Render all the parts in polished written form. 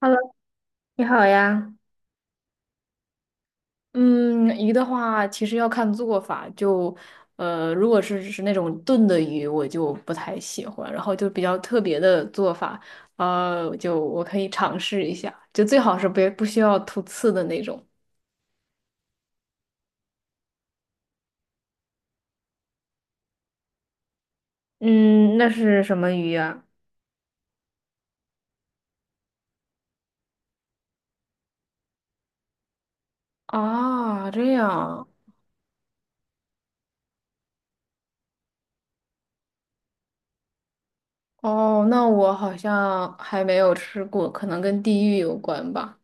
Hello，你好呀。嗯，鱼的话，其实要看做法。就，如果是那种炖的鱼，我就不太喜欢。然后就比较特别的做法，就我可以尝试一下。就最好是不需要吐刺的那种。嗯，那是什么鱼呀？啊，这样。哦，那我好像还没有吃过，可能跟地域有关吧。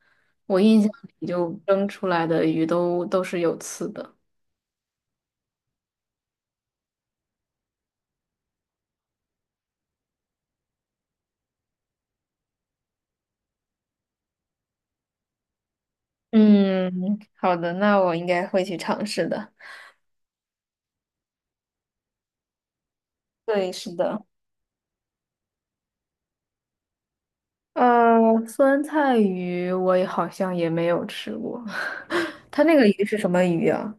我印象里就蒸出来的鱼都是有刺的。嗯，好的，那我应该会去尝试的。对，是的。呃，酸菜鱼我也好像也没有吃过，它那个鱼是什么鱼啊？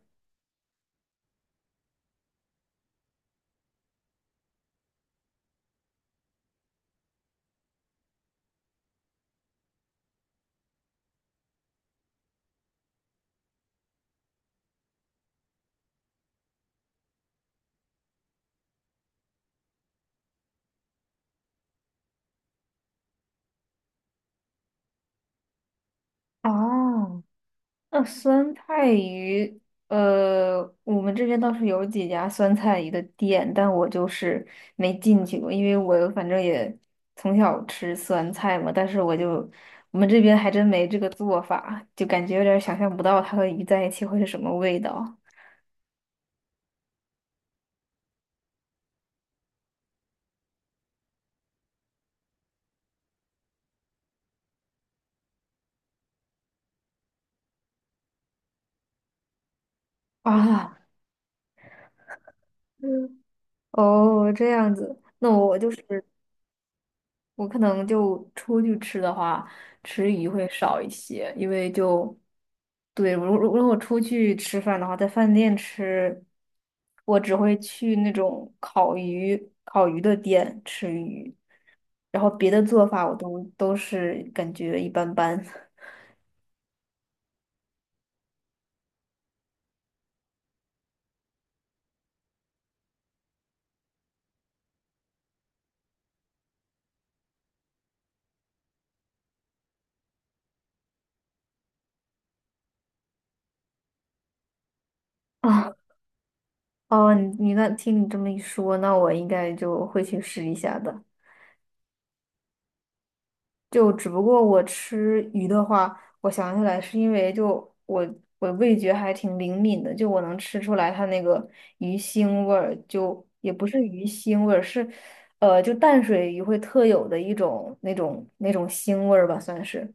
哦，那酸菜鱼，我们这边倒是有几家酸菜鱼的店，但我就是没进去过，因为我反正也从小吃酸菜嘛，但是我就我们这边还真没这个做法，就感觉有点想象不到它和鱼在一起会是什么味道啊。嗯哦，这样子，那我就是我可能就出去吃的话，吃鱼会少一些，因为就对，如果出去吃饭的话，在饭店吃，我只会去那种烤鱼的店吃鱼，然后别的做法我都是感觉一般般 啊。哦，你那听你这么一说，那我应该就会去试一下的。就只不过我吃鱼的话，我想起来是因为就我味觉还挺灵敏的，就我能吃出来它那个鱼腥味儿，就也不是鱼腥味儿，是就淡水鱼会特有的一种那种腥味儿吧，算是，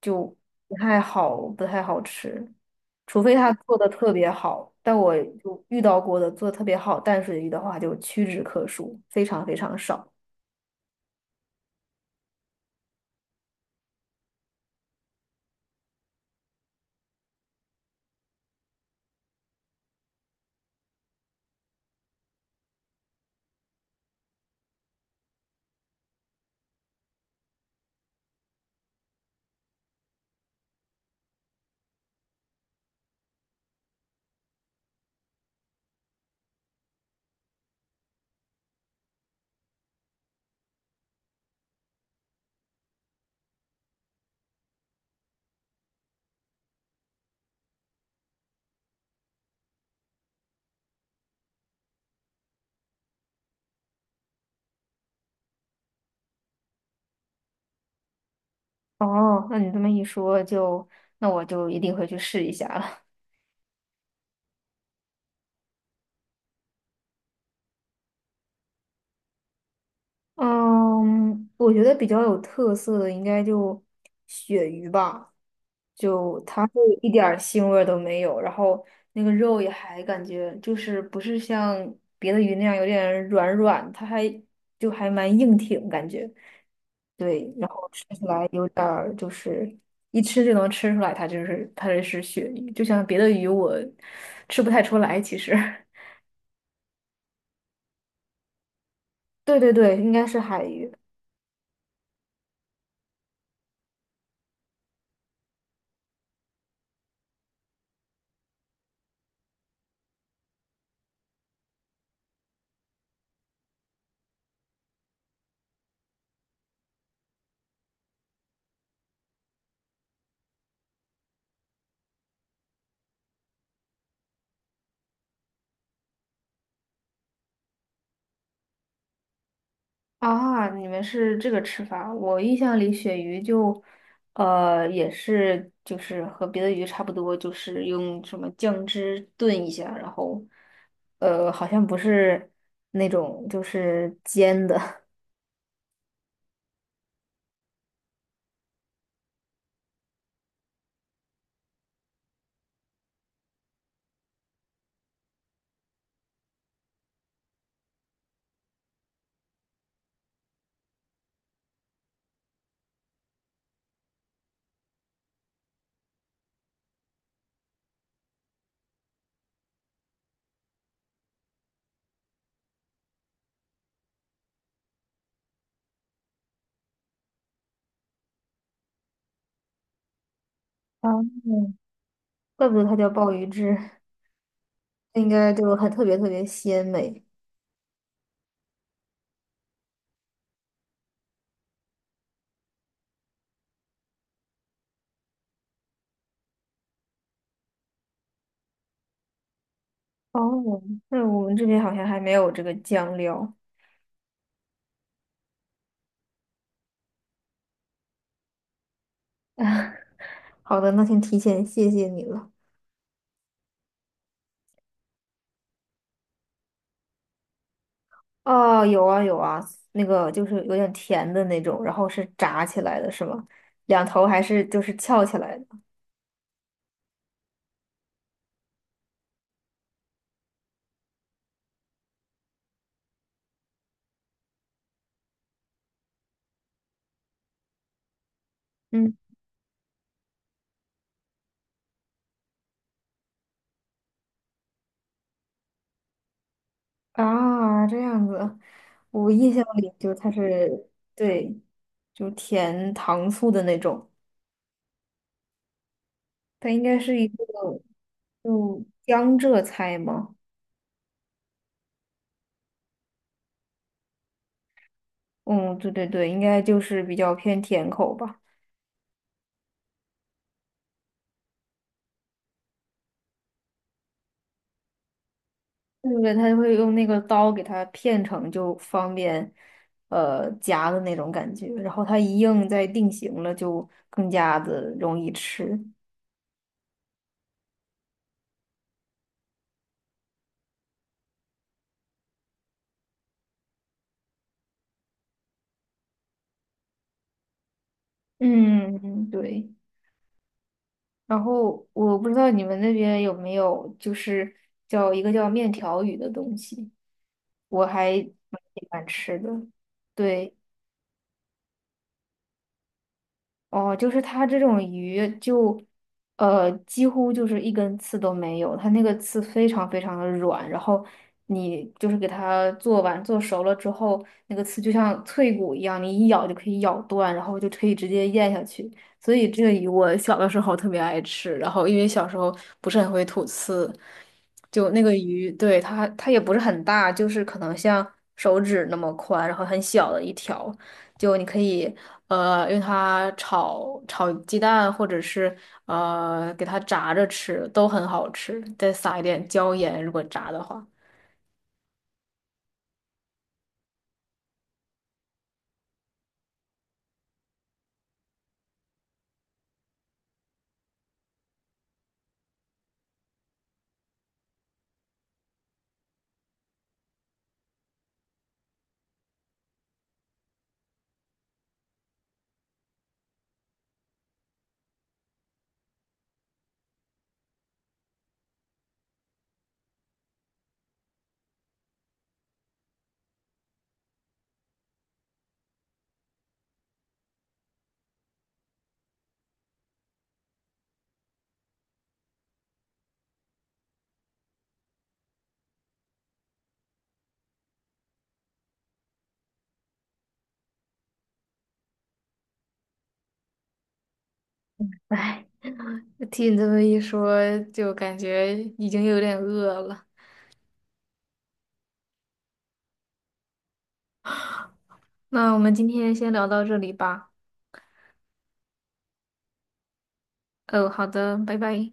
就不太好吃，除非它做的特别好，但我就遇到过的做的特别好淡水鱼的话就屈指可数，非常非常少。哦，那你这么一说就，那我就一定会去试一下了。嗯，我觉得比较有特色的应该就鳕鱼吧，就它会一点儿腥味儿都没有，然后那个肉也还感觉就是不是像别的鱼那样有点软软，它还就还蛮硬挺感觉。对，然后吃起来有点儿就是一吃就能吃出来它就是它这是鳕鱼，就像别的鱼我吃不太出来其实。对对对，应该是海鱼啊！你们是这个吃法，我印象里鳕鱼就，也是就是和别的鱼差不多，就是用什么酱汁炖一下，然后，好像不是那种就是煎的，哦，怪不得它叫鲍鱼汁，那应该就很特别特别鲜美。哦，那我们这边好像还没有这个酱料。好的，那先提前谢谢你了。哦，有啊有啊，那个就是有点甜的那种，然后是炸起来的，是吗？两头还是就是翘起来的？嗯啊，这样子，我印象里就它是对，就甜糖醋的那种，它应该是一个就江浙菜吗？嗯，对对对，应该就是比较偏甜口吧。对不对？他就会用那个刀给它片成，就方便夹的那种感觉。然后它一硬再定型了，就更加的容易吃。嗯，对。然后我不知道你们那边有没有，就是叫一个叫面条鱼的东西，我还蛮喜欢吃的。对。哦，就是它这种鱼就，几乎就是一根刺都没有，它那个刺非常非常的软，然后你就是给它做完做熟了之后，那个刺就像脆骨一样，你一咬就可以咬断，然后就可以直接咽下去。所以这个鱼我小的时候特别爱吃，然后因为小时候不是很会吐刺，就那个鱼，对，它也不是很大，就是可能像手指那么宽，然后很小的一条。就你可以用它炒鸡蛋，或者是给它炸着吃，都很好吃。再撒一点椒盐，如果炸的话。哎，听你这么一说，就感觉已经有点饿了。那我们今天先聊到这里吧。哦，好的，拜拜。